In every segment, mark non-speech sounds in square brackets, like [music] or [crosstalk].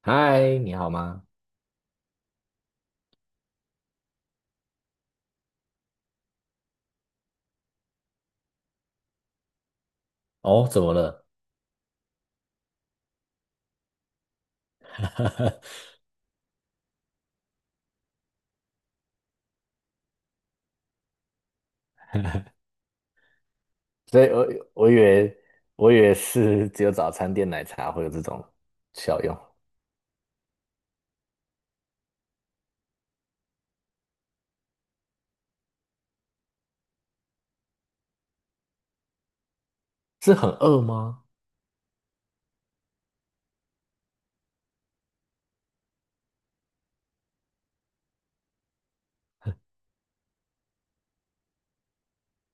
嗨，你好吗？[laughs] 哦，怎么了？[laughs] 所以我以为我以为是只有早餐店奶茶会有这种效用。是很饿吗？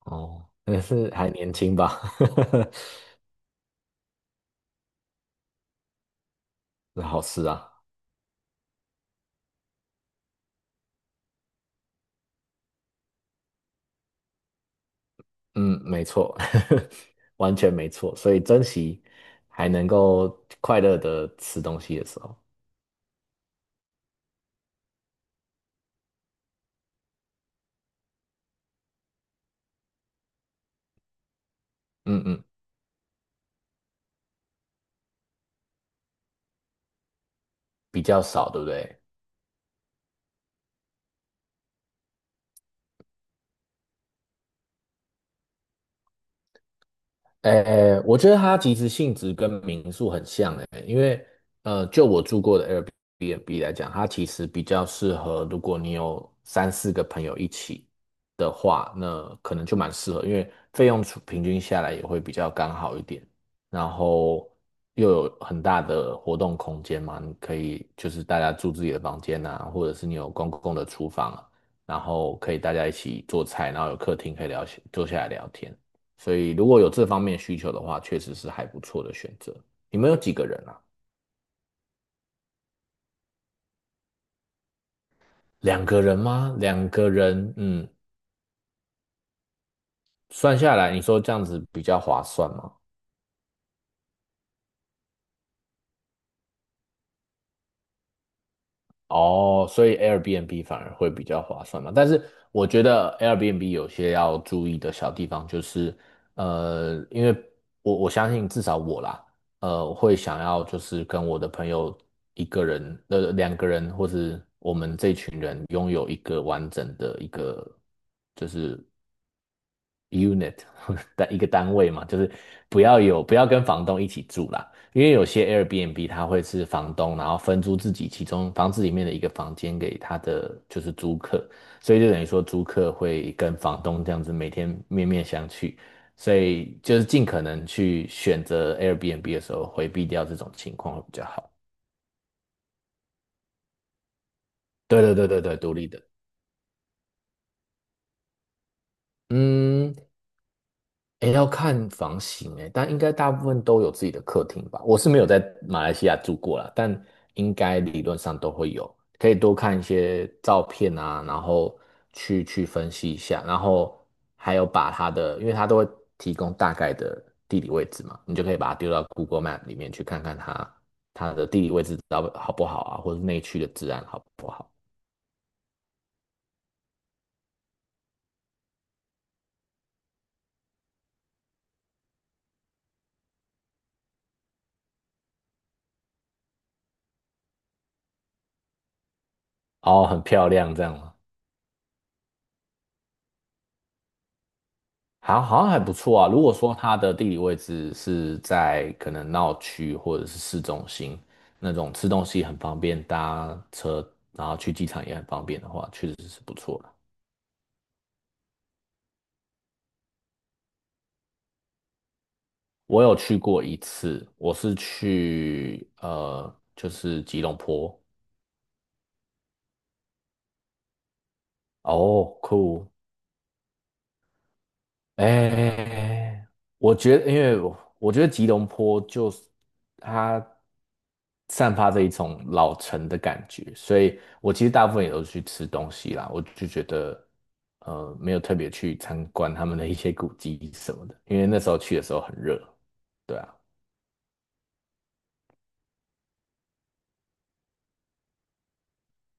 哦，也是还年轻吧。[laughs] 是好事啊。嗯，没错。[laughs] 完全没错。所以珍惜还能够快乐的吃东西的时候。嗯嗯，比较少，对不对？诶，我觉得它其实性质跟民宿很像诶，因为就我住过的 Airbnb 来讲，它其实比较适合，如果你有三四个朋友一起的话，那可能就蛮适合，因为费用除平均下来也会比较刚好一点，然后又有很大的活动空间嘛，你可以就是大家住自己的房间啊，或者是你有公共的厨房啊，然后可以大家一起做菜，然后有客厅可以聊，坐下来聊天。所以如果有这方面需求的话，确实是还不错的选择。你们有几个人啊？两个人吗？两个人，嗯。算下来，你说这样子比较划算吗？哦，所以 Airbnb 反而会比较划算嘛。但是我觉得 Airbnb 有些要注意的小地方就是，因为我相信至少我啦，会想要就是跟我的朋友一个人，呃，两个人，或是我们这群人拥有一个完整的一个就是 unit [laughs] 的一个单位嘛，就是不要有不要跟房东一起住啦，因为有些 Airbnb 它会是房东，然后分租自己其中房子里面的一个房间给他的就是租客，所以就等于说租客会跟房东这样子每天面面相觑，所以就是尽可能去选择 Airbnb 的时候回避掉这种情况会比较好。对对对对对，独立的。嗯。诶，要看房型诶，但应该大部分都有自己的客厅吧。我是没有在马来西亚住过啦，但应该理论上都会有。可以多看一些照片啊，然后去分析一下，然后还有把它的，因为它都会提供大概的地理位置嘛，你就可以把它丢到 Google Map 里面去看看它的地理位置到好不好啊，或者是内区的治安好不好。哦，很漂亮这样吗？好，好像还不错啊。如果说它的地理位置是在可能闹区或者是市中心那种吃东西很方便，搭车然后去机场也很方便的话，确实是不错的。我有去过一次，我是去呃，就是吉隆坡。哦，酷！哎，我觉得，因为我觉得吉隆坡就是它散发着一种老城的感觉，所以我其实大部分也都去吃东西啦。我就觉得，没有特别去参观他们的一些古迹什么的，因为那时候去的时候很热。对啊，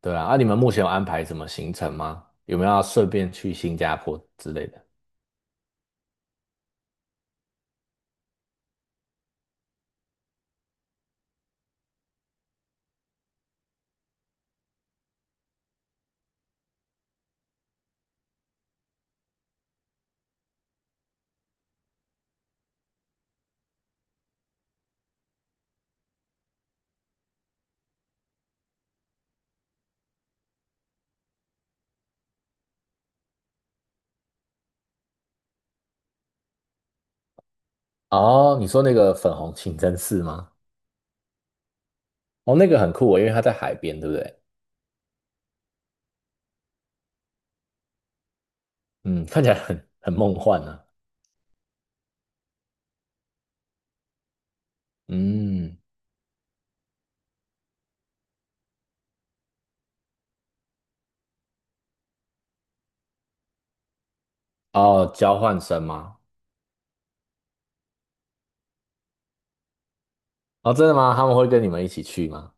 对啊。啊，你们目前有安排什么行程吗？有没有要顺便去新加坡之类的？哦，你说那个粉红清真寺吗？哦，那个很酷哦，因为它在海边，对不对？嗯，看起来很梦幻呢、啊嗯。哦，交换生吗？哦，真的吗？他们会跟你们一起去吗？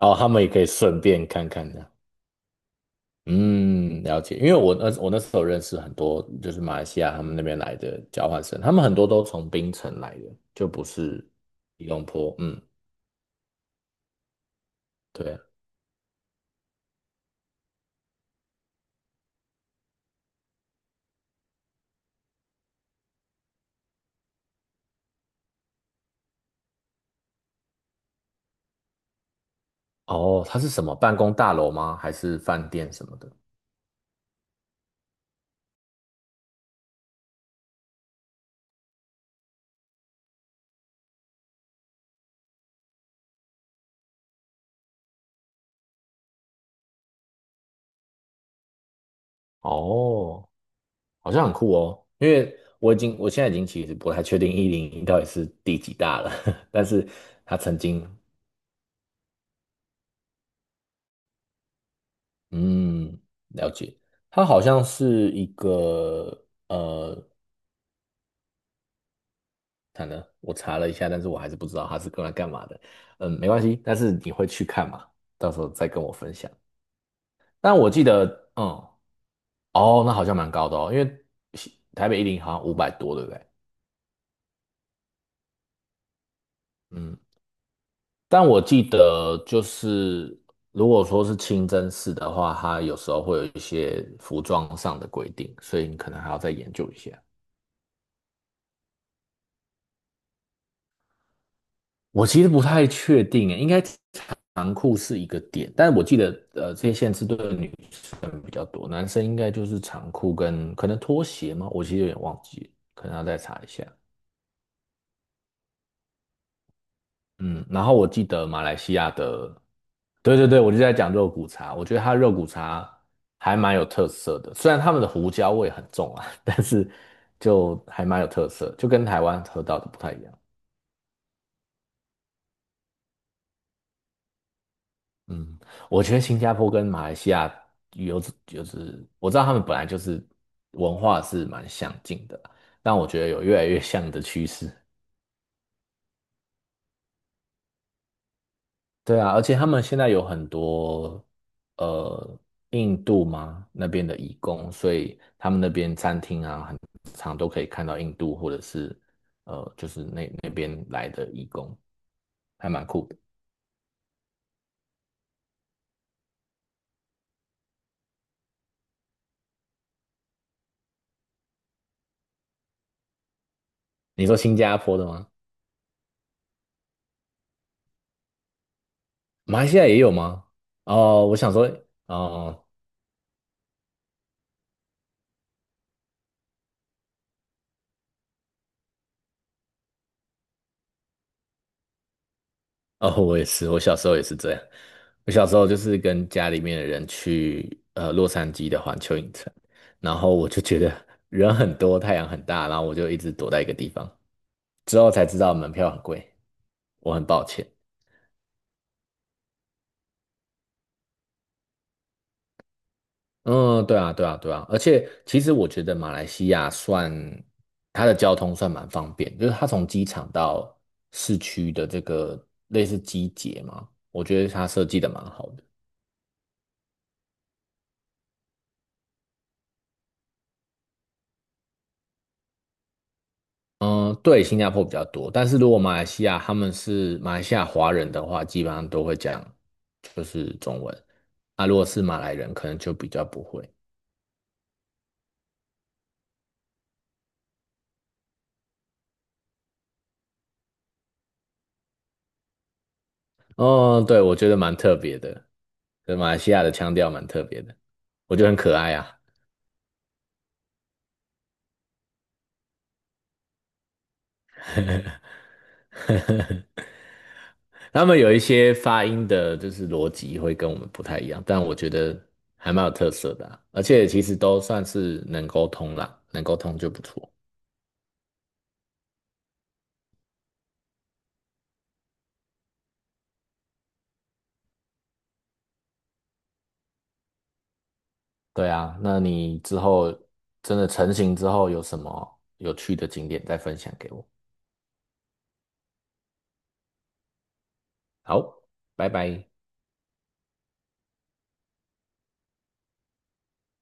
哦，他们也可以顺便看看的。嗯，了解。因为我那时候认识很多，就是马来西亚他们那边来的交换生，他们很多都从槟城来的，就不是吉隆坡。嗯，对啊。哦，它是什么办公大楼吗？还是饭店什么的？哦，好像很酷哦，因为我现在已经其实不太确定一零一到底是第几大了，[laughs] 但是它曾经嗯了解，它好像是一个呃，它呢我查了一下，但是我还是不知道它是用来干嘛的，嗯，没关系，但是你会去看嘛，到时候再跟我分享。但我记得嗯哦、那好像蛮高的哦，因为台北一零好像五百多，对不对？嗯，但我记得，就是如果说是清真寺的话，它有时候会有一些服装上的规定，所以你可能还要再研究一下。我其实不太确定耶，应该长裤是一个点，但我记得，这些限制对女生比较多，男生应该就是长裤跟可能拖鞋吗？我其实有点忘记了可能要再查一下。嗯，然后我记得马来西亚的，对对对，我就在讲肉骨茶，我觉得它肉骨茶还蛮有特色的，虽然他们的胡椒味很重啊，[laughs] 但是就还蛮有特色，就跟台湾喝到的不太一样。嗯，我觉得新加坡跟马来西亚有就是我知道他们本来就是文化是蛮相近的，但我觉得有越来越像的趋势。对啊，而且他们现在有很多呃印度嘛那边的移工，所以他们那边餐厅啊，很常都可以看到印度或者是就是那边来的移工，还蛮酷的。你说新加坡的吗？马来西亚也有吗？哦，我想说，哦、哦，我也是，我小时候也是这样。我小时候就是跟家里面的人去洛杉矶的环球影城，然后我就觉得人很多，太阳很大，然后我就一直躲在一个地方，之后才知道门票很贵，我很抱歉。嗯，对啊，对啊，对啊，而且其实我觉得马来西亚算它的交通算蛮方便，就是它从机场到市区的这个类似机捷嘛，我觉得它设计的蛮好的。嗯，对，新加坡比较多，但是如果马来西亚他们是马来西亚华人的话，基本上都会讲就是中文。啊，如果是马来人，可能就比较不会。哦，对，我觉得蛮特别的。对，马来西亚的腔调蛮特别的，我觉得很可爱啊。[laughs] 他们有一些发音的，就是逻辑会跟我们不太一样，但我觉得还蛮有特色的啊而且其实都算是能沟通啦，能沟通就不错。对啊，那你之后真的成型之后有什么有趣的景点再分享给我。好，拜拜。